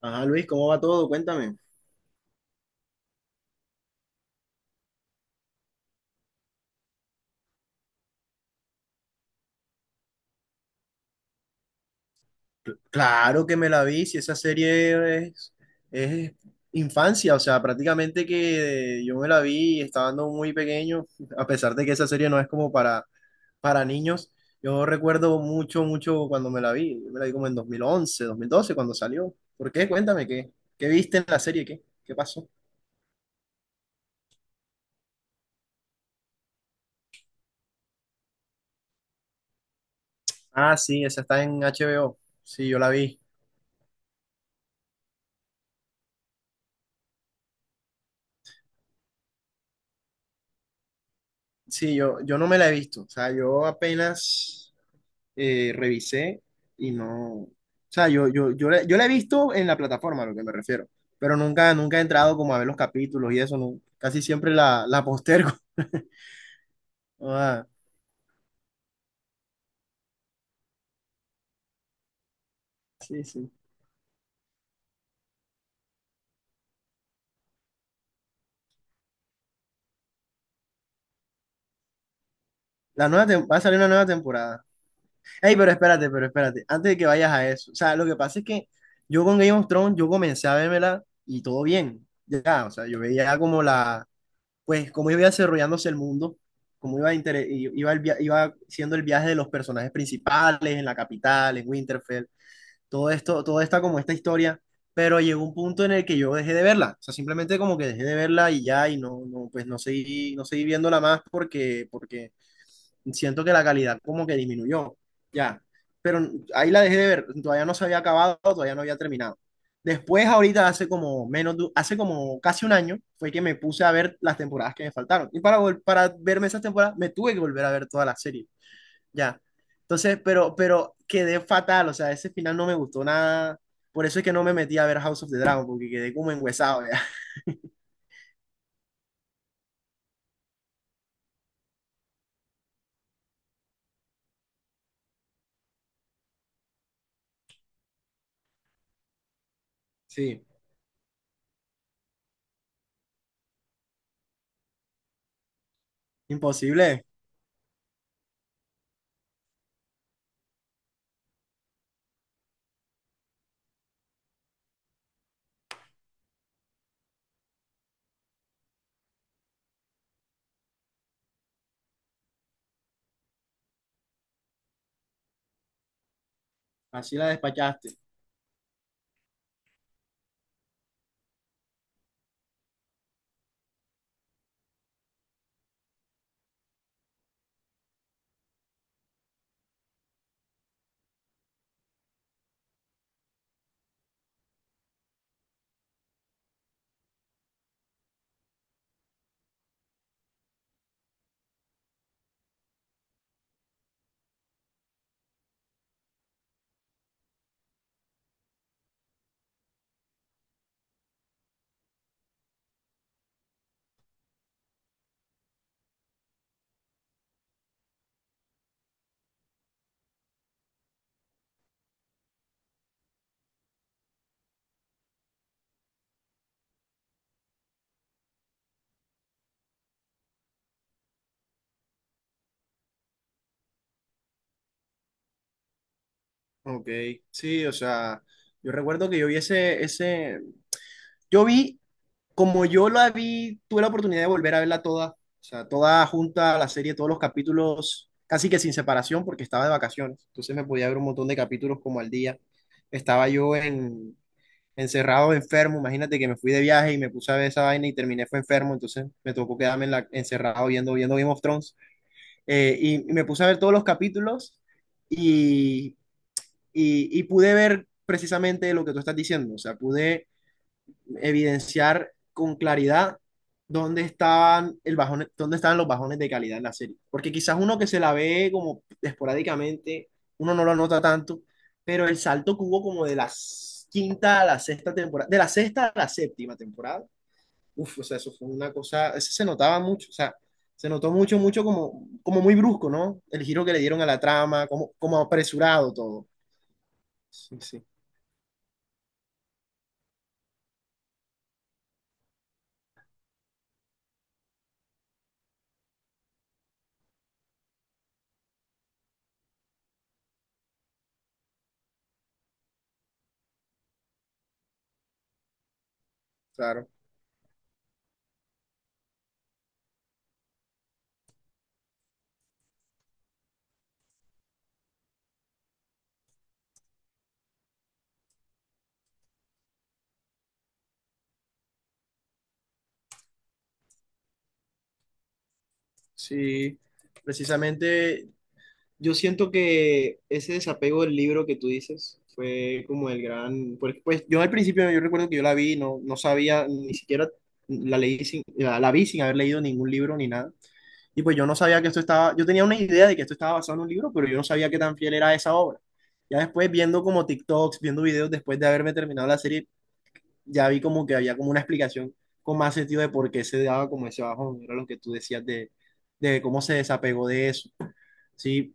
Ajá, Luis, ¿cómo va todo? Cuéntame. Claro que me la vi, si esa serie es infancia, o sea, prácticamente que yo me la vi estando muy pequeño, a pesar de que esa serie no es como para niños. Yo recuerdo mucho, mucho cuando me la vi, yo me la vi como en dos mil once, 2012 cuando salió. ¿Por qué? Cuéntame, ¿qué viste en la serie? ¿Qué pasó? Ah, sí, esa está en HBO. Sí, yo la vi. Sí, yo no me la he visto. O sea, yo apenas revisé y no, o sea, yo la he visto en la plataforma, a lo que me refiero, pero nunca, nunca he entrado como a ver los capítulos y eso, no, casi siempre la postergo. Ah, sí, sí. Va a salir una nueva temporada. Ey, pero espérate, antes de que vayas a eso, o sea, lo que pasa es que yo con Game of Thrones, yo comencé a vérmela y todo bien, ya, o sea, yo veía como la pues cómo iba desarrollándose el mundo, cómo iba siendo el viaje de los personajes principales en la capital, en Winterfell, todo esto, toda esta como esta historia, pero llegó un punto en el que yo dejé de verla, o sea, simplemente como que dejé de verla y ya, y no, pues no seguí viéndola más porque siento que la calidad como que disminuyó, ya, pero ahí la dejé de ver, todavía no se había acabado, todavía no había terminado. Después, ahorita, hace como menos, de hace como casi un año, fue que me puse a ver las temporadas que me faltaron. Y para verme esas temporadas, me tuve que volver a ver toda la serie. Ya. Entonces, pero quedé fatal, o sea, ese final no me gustó nada. Por eso es que no me metí a ver House of the Dragon, porque quedé como enguesado, ya. Sí, imposible. Así la despachaste. Ok, sí, o sea, yo recuerdo que yo vi ese, yo vi, como yo la vi, tuve la oportunidad de volver a verla toda, o sea, toda junta, la serie, todos los capítulos, casi que sin separación, porque estaba de vacaciones, entonces me podía ver un montón de capítulos como al día. Estaba yo encerrado, enfermo. Imagínate que me fui de viaje y me puse a ver esa vaina y terminé fue enfermo, entonces me tocó quedarme encerrado viendo Game of Thrones. Y me puse a ver todos los capítulos y, y pude ver precisamente lo que tú estás diciendo, o sea, pude evidenciar con claridad dónde estaban, el bajón, dónde estaban los bajones de calidad en la serie. Porque quizás uno que se la ve como esporádicamente, uno no lo nota tanto, pero el salto que hubo como de la quinta a la sexta temporada, de la sexta a la séptima temporada, uf, o sea, eso fue una cosa, eso se notaba mucho, o sea, se notó mucho, mucho como muy brusco, ¿no? El giro que le dieron a la trama, como apresurado todo. Sí, sí, claro. Sí, precisamente. Yo siento que ese desapego del libro que tú dices fue como el gran, porque pues yo al principio yo recuerdo que yo la vi, y no sabía, ni siquiera la vi sin haber leído ningún libro ni nada. Y pues yo no sabía que esto estaba, yo tenía una idea de que esto estaba basado en un libro, pero yo no sabía qué tan fiel era esa obra. Ya después viendo como TikToks, viendo videos después de haberme terminado la serie, ya vi como que había como una explicación con más sentido de por qué se daba como ese bajón, era lo que tú decías de cómo se desapegó de eso. Sí.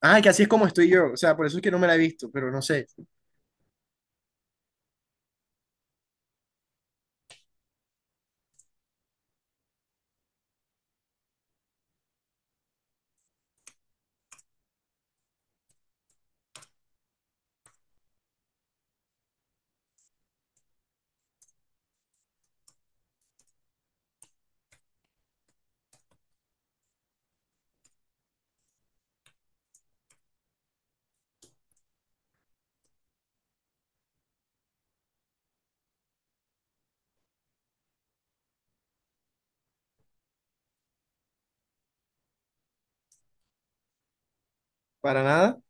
Ay, que así es como estoy yo. O sea, por eso es que no me la he visto, pero no sé. ¿Para nada?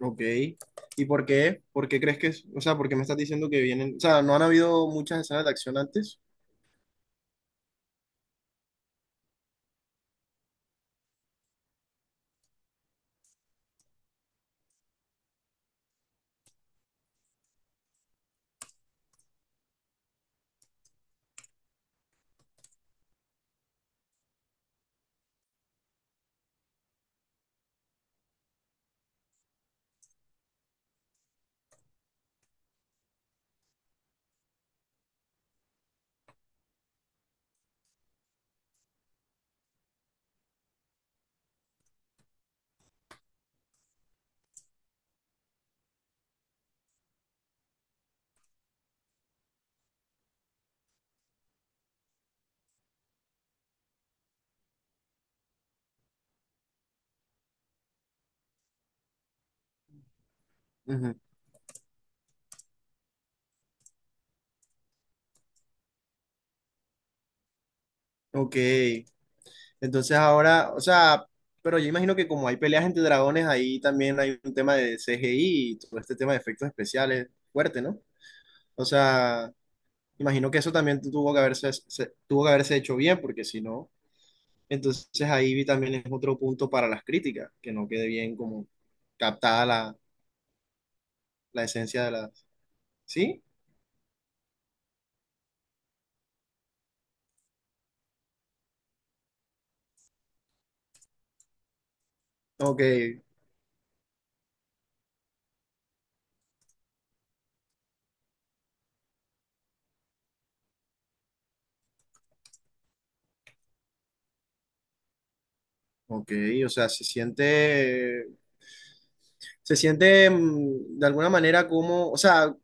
Ok. ¿Y por qué? ¿Por qué crees que es? O sea, ¿por qué me estás diciendo que vienen? O sea, ¿no han habido muchas escenas de acción antes? Ujú. Ok. Entonces ahora, o sea, pero yo imagino que como hay peleas entre dragones, ahí también hay un tema de CGI y todo este tema de efectos especiales fuerte, ¿no? O sea, imagino que eso también tuvo que haberse, tuvo que haberse hecho bien, porque si no... Entonces ahí vi también es otro punto para las críticas, que no quede bien como captada la, esencia de las... ¿Sí? Ok, ok, o sea, se siente de alguna manera como, o sea,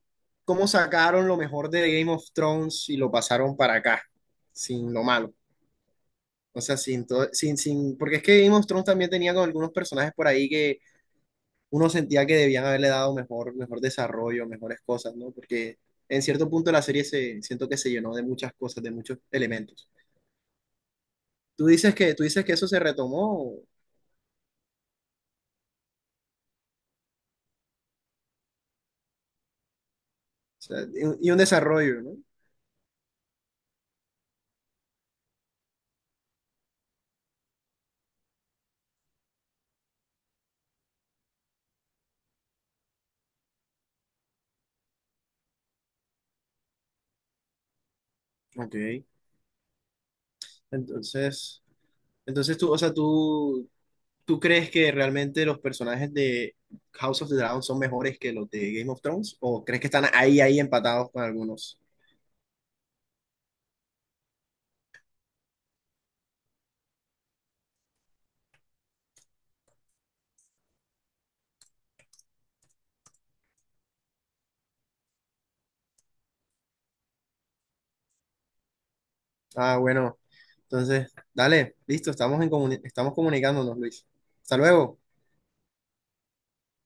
cómo sacaron lo mejor de Game of Thrones y lo pasaron para acá, sin lo malo. O sea, sin todo, sin, sin, porque es que Game of Thrones también tenía con algunos personajes por ahí que uno sentía que debían haberle dado mejor, mejor desarrollo, mejores cosas, ¿no? Porque en cierto punto la serie siento que se llenó de muchas cosas, de muchos elementos. Tú dices que eso se retomó, o sea, y un desarrollo, ¿no? Ok. Entonces, entonces, ¿tú, o sea, tú crees que realmente los personajes de House of the Dragon son mejores que los de Game of Thrones, o crees que están ahí empatados con algunos? Ah, bueno. Entonces, dale, listo, estamos comunicándonos, Luis. Hasta luego.